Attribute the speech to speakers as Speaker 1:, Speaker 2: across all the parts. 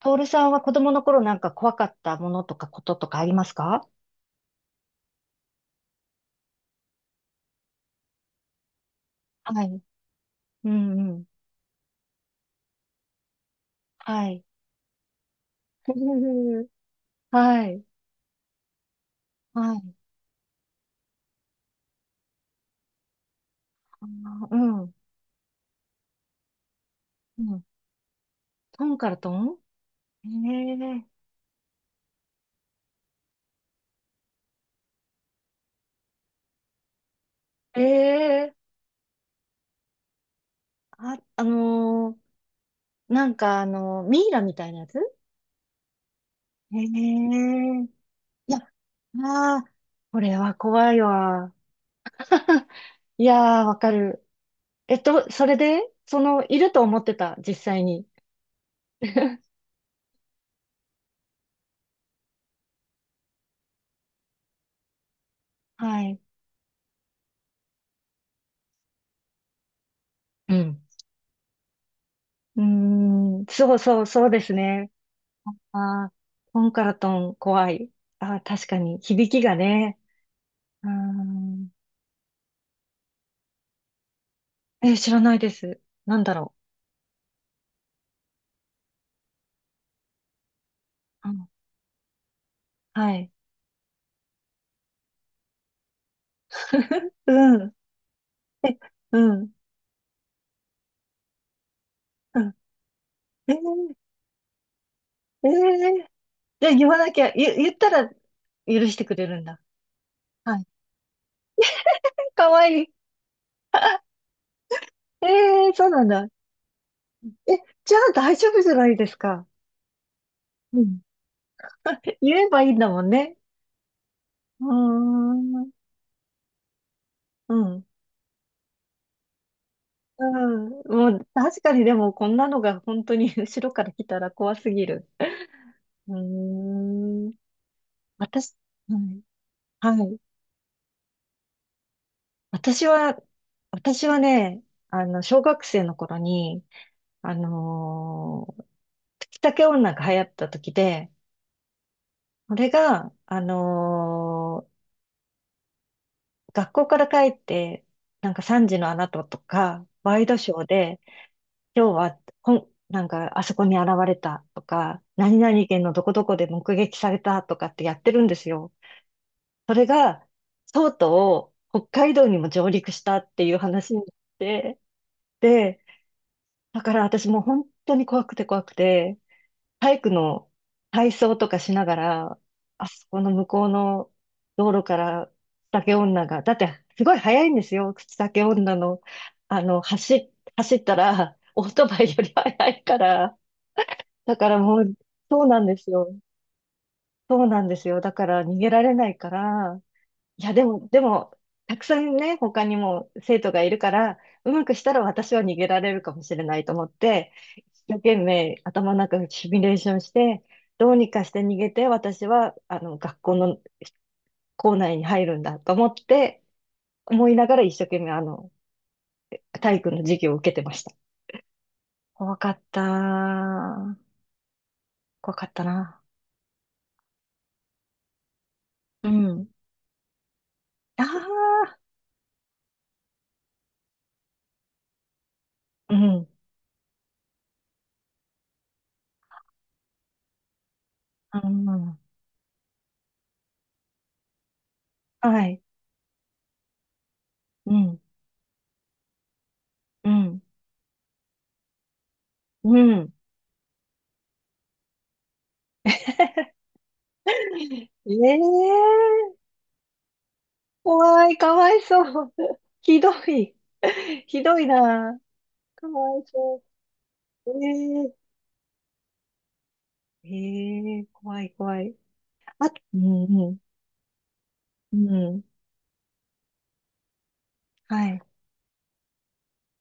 Speaker 1: トールさんは子供の頃なんか怖かったものとかこととかありますか？はい。うんうん。はい。はい。はい。あーうん。うん。トンからトン。ええええあ、なんかミイラみたいなやつ？ええいや、ああ、これは怖いわ。いやー、わかる。それで、いると思ってた、実際に。はい。うん。うーん、そうそう、そうですね。ああ、トンカラトン怖い。ああ、確かに、響きがね。うーん、え、知らないです。なんだろう。うん、はい。うん。え、うん。うん。えー、えー、じゃあ言わなきゃ、言ったら許してくれるんだ。はい。かわいい。ええー、そうなんだ。え、じゃあ大丈夫じゃないですか？うん。言えばいいんだもんね。うーん。うん。うん。もう、確かにでも、こんなのが本当に 後ろから来たら怖すぎる。うーん。私、うん、はい。私は、私はね、小学生の頃に、あのー、月竹女が流行った時で、これが、学校から帰って、なんか3時のあなたとか、ワイドショーで、今日は、なんか、あそこに現れたとか、何々県のどこどこで目撃されたとかってやってるんですよ。それが、とうとう北海道にも上陸したっていう話になって、で、だから私もう本当に怖くて怖くて、体育の体操とかしながら、あそこの向こうの道路から酒女が、だってすごい速いんですよ、口酒女の、あの、走っ、走ったら、オートバイより速いから、だからもう、そうなんですよ。そうなんですよ。だから逃げられないから、いや、でも、たくさんね、他にも生徒がいるから、うまくしたら私は逃げられるかもしれないと思って、一生懸命頭の中でシミュレーションして、どうにかして逃げて、私は、学校の校内に入るんだと思って、思いながら一生懸命、体育の授業を受けてました。怖かった。怖かったな。うん。ああ、うん。ああ、はい。うん、うん、うん。ええ怖い、かわいそう。ひどい。ひどいな。かわいそう。ええええ怖い、怖い。あ、うん、うん、うん。はい、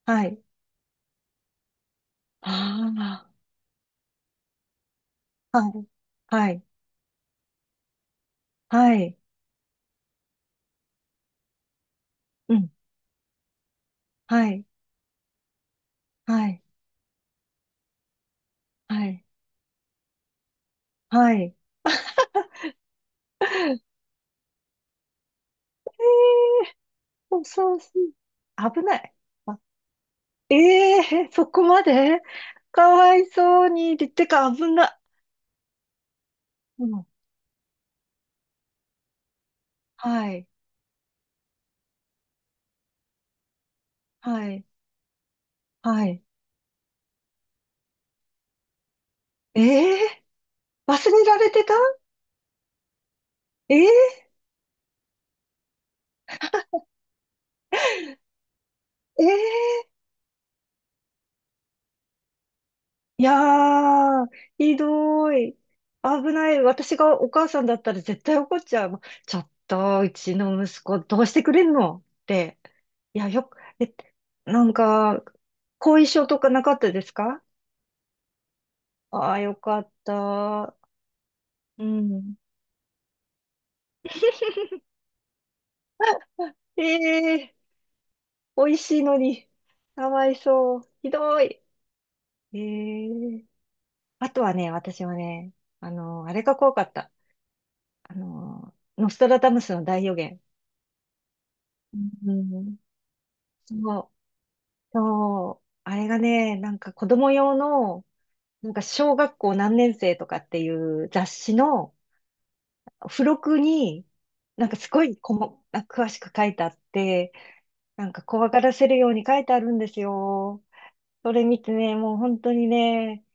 Speaker 1: はい。ああ、はい、はい、はい、うん、はい、はい、はい、はい。そうそうそう。危ない。ええそこまでかわいそうに。でてか、危な。うん。はい。はい。はい。ええ忘れられてたええええいやー、ひどい。危ない。私がお母さんだったら絶対怒っちゃう。ちょっと、うちの息子どうしてくれんのって。いや、よく、え、なんか、後遺症とかなかったですか？ああー、よかった。うん。ええ美味しいのに、かわいそう。ひどい。ええあとはね、私はね、あれが怖かった。ノストラダムスの大予言。うん。そう、そう、あれがね、なんか子供用の、なんか小学校何年生とかっていう雑誌の付録に、なんかすごいあ、詳しく書いてあって、なんか怖がらせるように書いてあるんですよ。それ見てね、もう本当にね、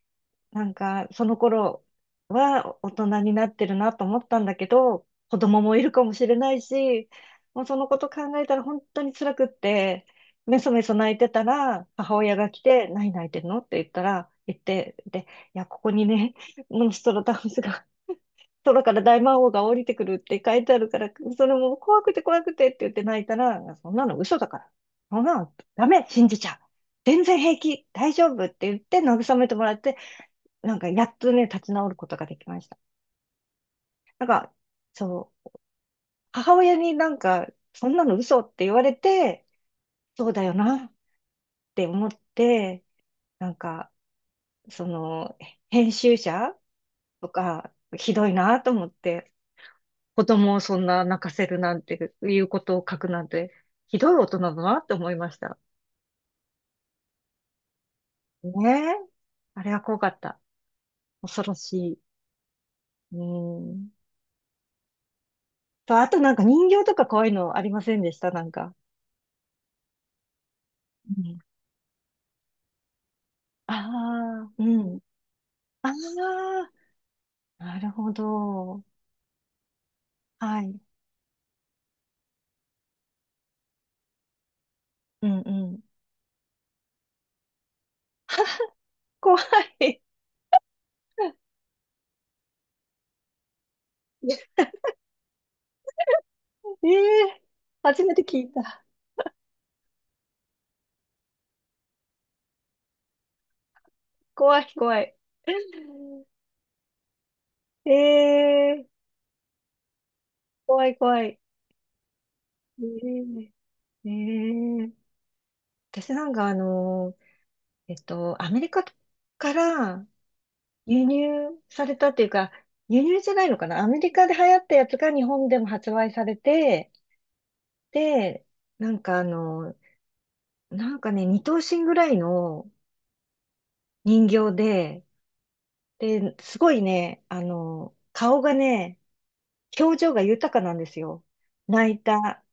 Speaker 1: なんか、その頃は大人になってるなと思ったんだけど、子供もいるかもしれないし、もうそのこと考えたら本当に辛くって、めそめそ泣いてたら、母親が来て、何泣いてるのって言ったら、言って、で、いや、ここにね、モンストロダウンスが、空から大魔王が降りてくるって書いてあるから、それも怖くて怖くてって言って泣いたら、そんなの嘘だから。そんなのダメ、信じちゃう。全然平気、大丈夫って言って慰めてもらって、なんか、やっとね、立ち直ることができました。なんか、そう、母親になんか、そんなの嘘って言われて、そうだよなって思って、なんか、その、編集者とか、ひどいなと思って、子供をそんな泣かせるなんていうことを書くなんて、ひどい大人だなって思いました。ねえ。あれは怖かった。恐ろしい。うん。と、あとなんか人形とか怖いのありませんでしたなんか？うんああ、うん。ああ、なるほど。はい。うんうん。怖い。ええ初めて聞いた。怖い、怖い。ええ怖い、怖い。ええええ私なんかアメリカから輸入されたっていうか、輸入じゃないのかなアメリカで流行ったやつが日本でも発売されて、で、なんかなんかね、二頭身ぐらいの人形で、で、すごいね、顔がね、表情が豊かなんですよ。泣いた、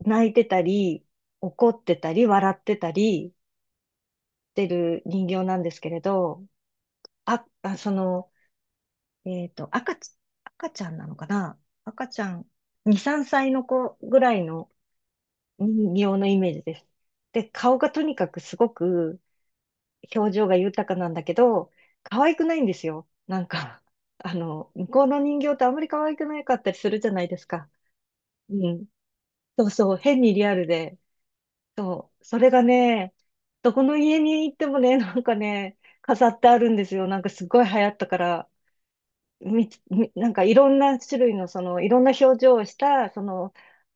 Speaker 1: 泣いてたり、怒ってたり、笑ってたりしてる人形なんですけれど、あ、あ、その、えっと、赤ち、赤ちゃんなのかな赤ちゃん、2、3歳の子ぐらいの人形のイメージです。で、顔がとにかくすごく表情が豊かなんだけど、可愛くないんですよ。なんか、向こうの人形ってあんまり可愛くなかったりするじゃないですか。うん。そうそう、変にリアルで。そう、それがね、どこの家に行ってもね、なんかね、飾ってあるんですよ。なんかすごい流行ったから、なんかいろんな種類の、その、いろんな表情をした、その、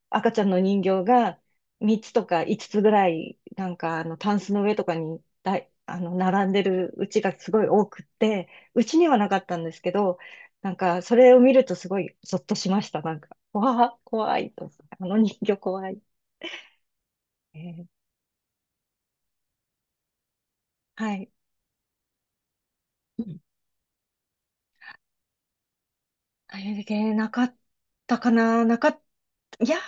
Speaker 1: 赤ちゃんの人形が3つとか5つつぐらい、なんかタンスの上とかにだい、あの、並んでるうちがすごい多くって、うちにはなかったんですけど、なんか、それを見るとすごいゾッとしました。なんか、わあ、怖いと思って。あの人形怖い。えーはい。うんあれだけなかったかな、なかった、いやー、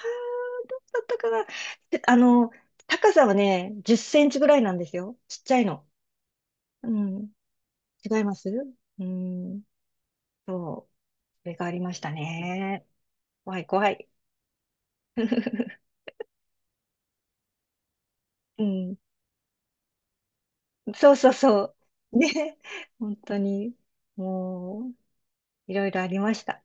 Speaker 1: だったかな。で高さはね、10センチぐらいなんですよ。ちっちゃいの。うん。違いますうん。そう。それがありましたね。怖い怖い。うん。そうそうそう。ね。本当に、もう、いろいろありました。